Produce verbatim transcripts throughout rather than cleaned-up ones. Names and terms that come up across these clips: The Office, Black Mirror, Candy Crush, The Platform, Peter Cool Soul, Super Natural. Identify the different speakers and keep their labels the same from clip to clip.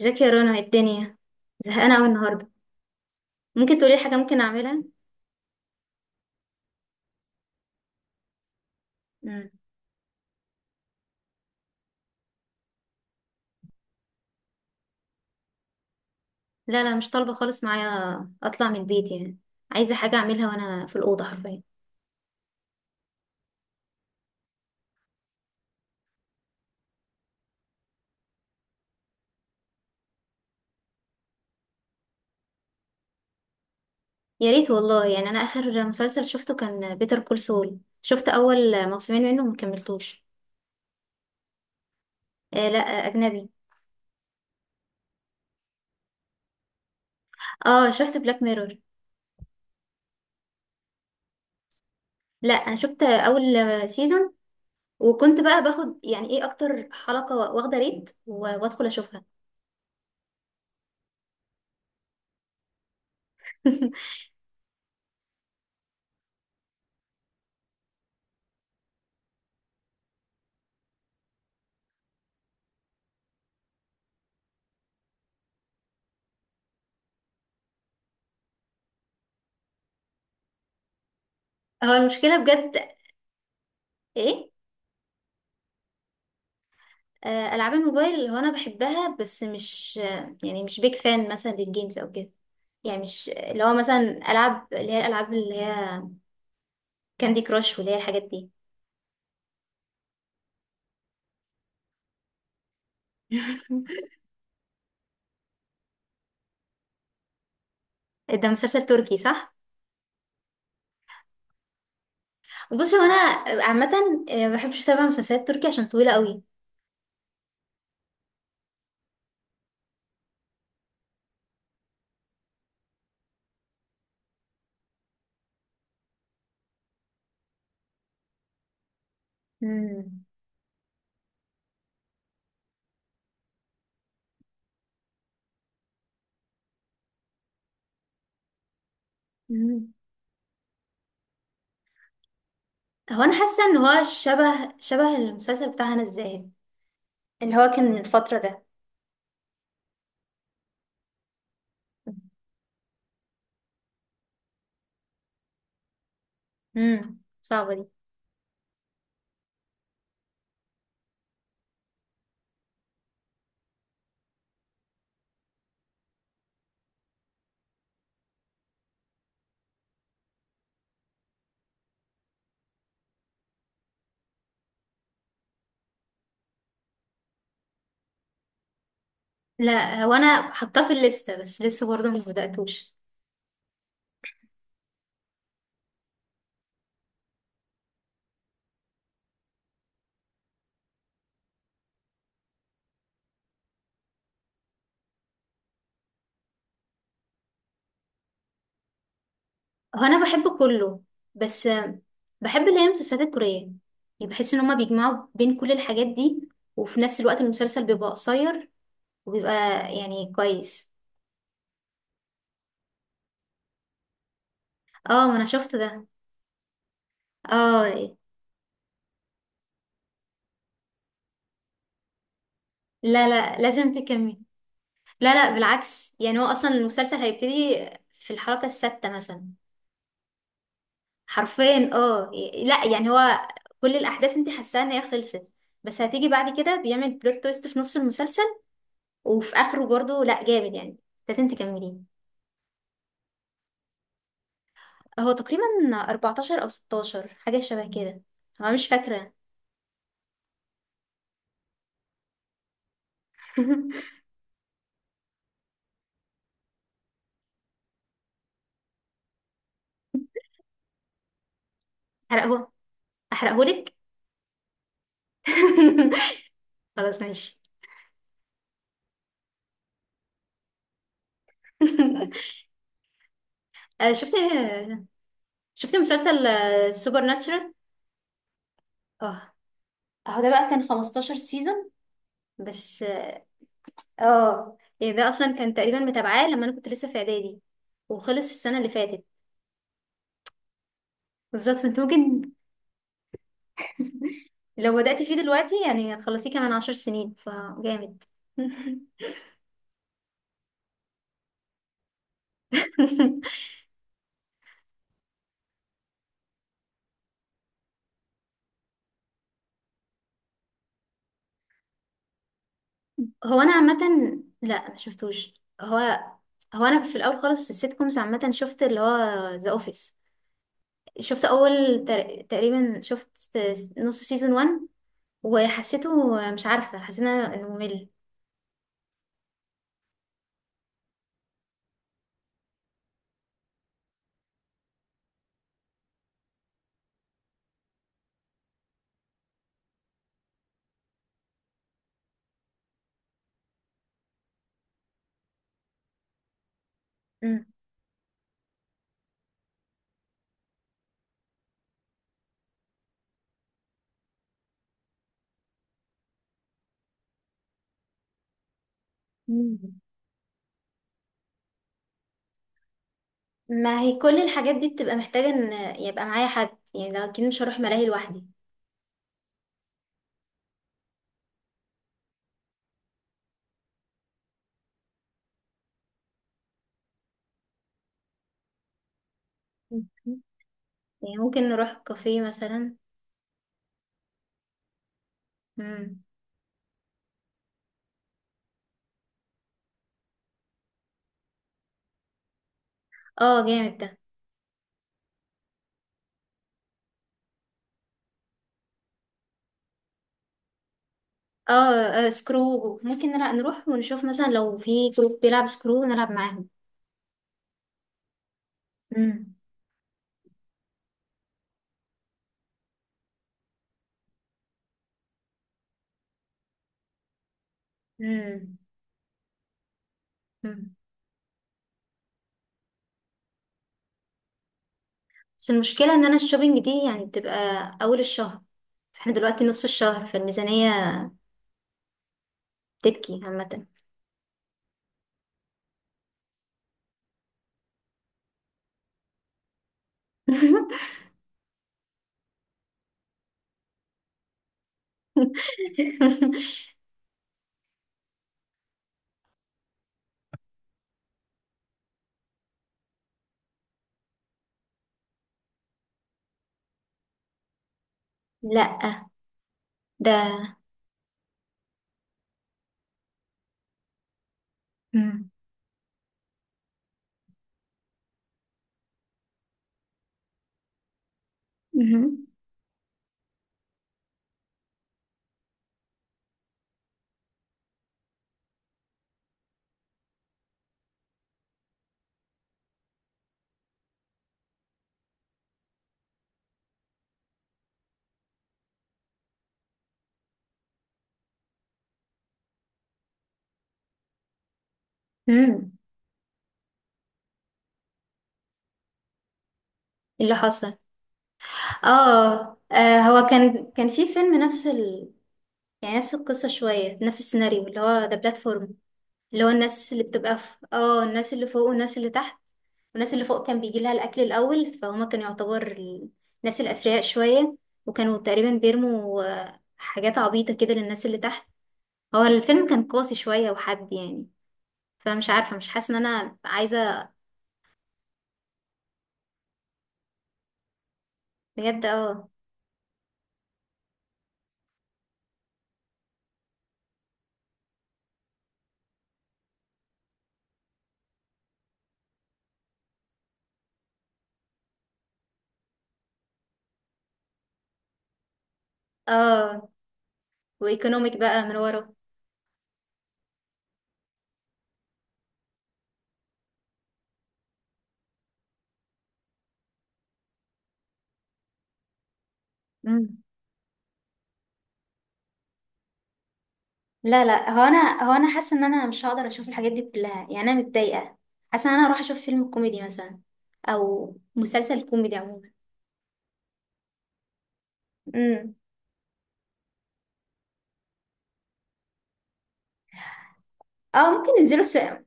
Speaker 1: ازيك يا رنا؟ ايه الدنيا؟ زهقانه قوي النهارده. ممكن تقولي لي حاجه ممكن اعملها؟ مم. لا لا، مش طالبه خالص معايا اطلع من البيت يعني. عايزه حاجه اعملها وانا في الاوضه حرفيا. يا ريت والله، يعني انا اخر مسلسل شفته كان بيتر كول سول، شفت اول موسمين منه وما كملتوش. آه لا، آه، اجنبي. اه، شفت بلاك ميرور. لا، انا شفت اول سيزون، وكنت بقى باخد يعني ايه اكتر حلقه واخده ريت و- وادخل اشوفها. هو المشكله بجد. ايه؟ آه، العاب الموبايل هو انا بحبها، بس مش آه، يعني مش بيك فان مثلا للجيمز او كده. يعني مش اللي هو مثلا العاب اللي هي الالعاب اللي هي كاندي كراش واللي هي الحاجات دي. ده مسلسل تركي صح؟ بص، هو انا عامه آه، ما بحبش اتابع مسلسلات تركي عشان طويله قوي. مم. مم. هو انا حاسه ان هو شبه شبه المسلسل بتاع هنا الزاهد، اللي هو كان من الفتره ده. امم صعبه دي. لا، هو انا حاطاه في الليسته، بس لسه برضه مش بداتوش. هو انا بحب كله، بس بحب اللي هي المسلسلات الكورية، يعني بحس ان هما بيجمعوا بين كل الحاجات دي، وفي نفس الوقت المسلسل بيبقى قصير، وبيبقى يعني كويس. اه، ما انا شفت ده. اه. لا لا، لازم تكمل. لا لا، بالعكس، يعني هو اصلا المسلسل هيبتدي في الحلقة السادسة مثلا. حرفيا اه. لا يعني هو كل الاحداث انت حاساها ان هي خلصت، بس هتيجي بعد كده بيعمل بلوت تويست في نص المسلسل، وفي اخره برضه. لا جامد يعني، لازم تكمليه. هو تقريبا أربعة عشر او ستة عشر حاجه شبه كده، انا مش فاكره. احرقه احرقهولك. خلاص ماشي. آه، شفت شفت مسلسل سوبر ناتشرال. اه. اهو ده بقى كان خمستاشر سيزون، بس اه. آه، يعني ده اصلا كان تقريبا متابعاه لما انا كنت لسه في اعدادي، وخلص السنه اللي فاتت. بالظبط. فانت ممكن لو بدأتي فيه دلوقتي يعني هتخلصيه كمان عشر سنين، فجامد. هو انا عامه، لا ما شفتوش. هو هو انا في الاول خالص السيت كومز عامه، شفت اللي هو ذا اوفيس. شفت اول تر... تقريبا شفت نص سيزون واحد، وحسيته مش عارفه، حسيت إنه إنه ممل. أمم. مم. ما هي كل الحاجات دي بتبقى محتاجه ان يبقى معايا حد، يعني لو اكيد مش هروح ملاهي لوحدي. مم. يعني ممكن نروح كافيه مثلا. امم. اه جامد ده. اه، آه، سكرو، ممكن نرا- نروح ونشوف مثلا لو في جروب بيلعب سكرو نلعب معاهم. مم. مم. مم. بس المشكلة ان انا الشوبينج دي يعني بتبقى اول الشهر، احنا دلوقتي نص الشهر، فالميزانية تبكي عامة. لا ده. مم. مم. مم. إيه اللي حصل؟ اه، آه، هو كان كان في فيلم نفس ال... يعني نفس القصة شوية، نفس السيناريو اللي هو ذا بلاتفورم، اللي هو الناس اللي بتبقى في اه الناس اللي فوق والناس اللي تحت، والناس اللي فوق كان بيجي لها الأكل الأول، فهما كانوا يعتبر ال- الناس الأثرياء شوية، وكانوا تقريبا بيرموا آه، حاجات عبيطة كده للناس اللي تحت. هو الفيلم كان قاسي شوية وحد يعني، فمش عارفة مش حاسة إن أنا عايزة. بجد اه. اه، وإيكونوميك بقى من ورا. مم. لا لا، هو أنا هو أنا حاسة إن أنا مش هقدر أشوف الحاجات دي كلها، يعني أنا متضايقة، حاسة إن أنا هروح أشوف فيلم كوميدي مثلا، أو مسلسل كوميدي عموما. اه ممكن ننزلوا سينما.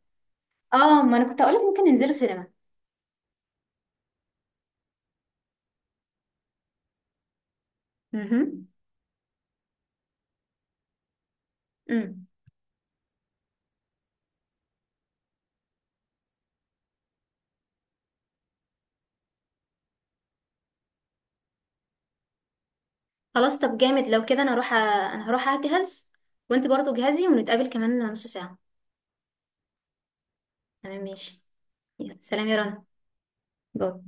Speaker 1: اه، ما انا كنت هقولك ممكن ننزلوا سينما. مهم. امم. خلاص طب جامد لو كده، انا هروح أ... انا هروح اجهز، وانت برضو جهزي، ونتقابل كمان نص ساعة. تمام ماشي. يلا، سلام يا رنا. باي.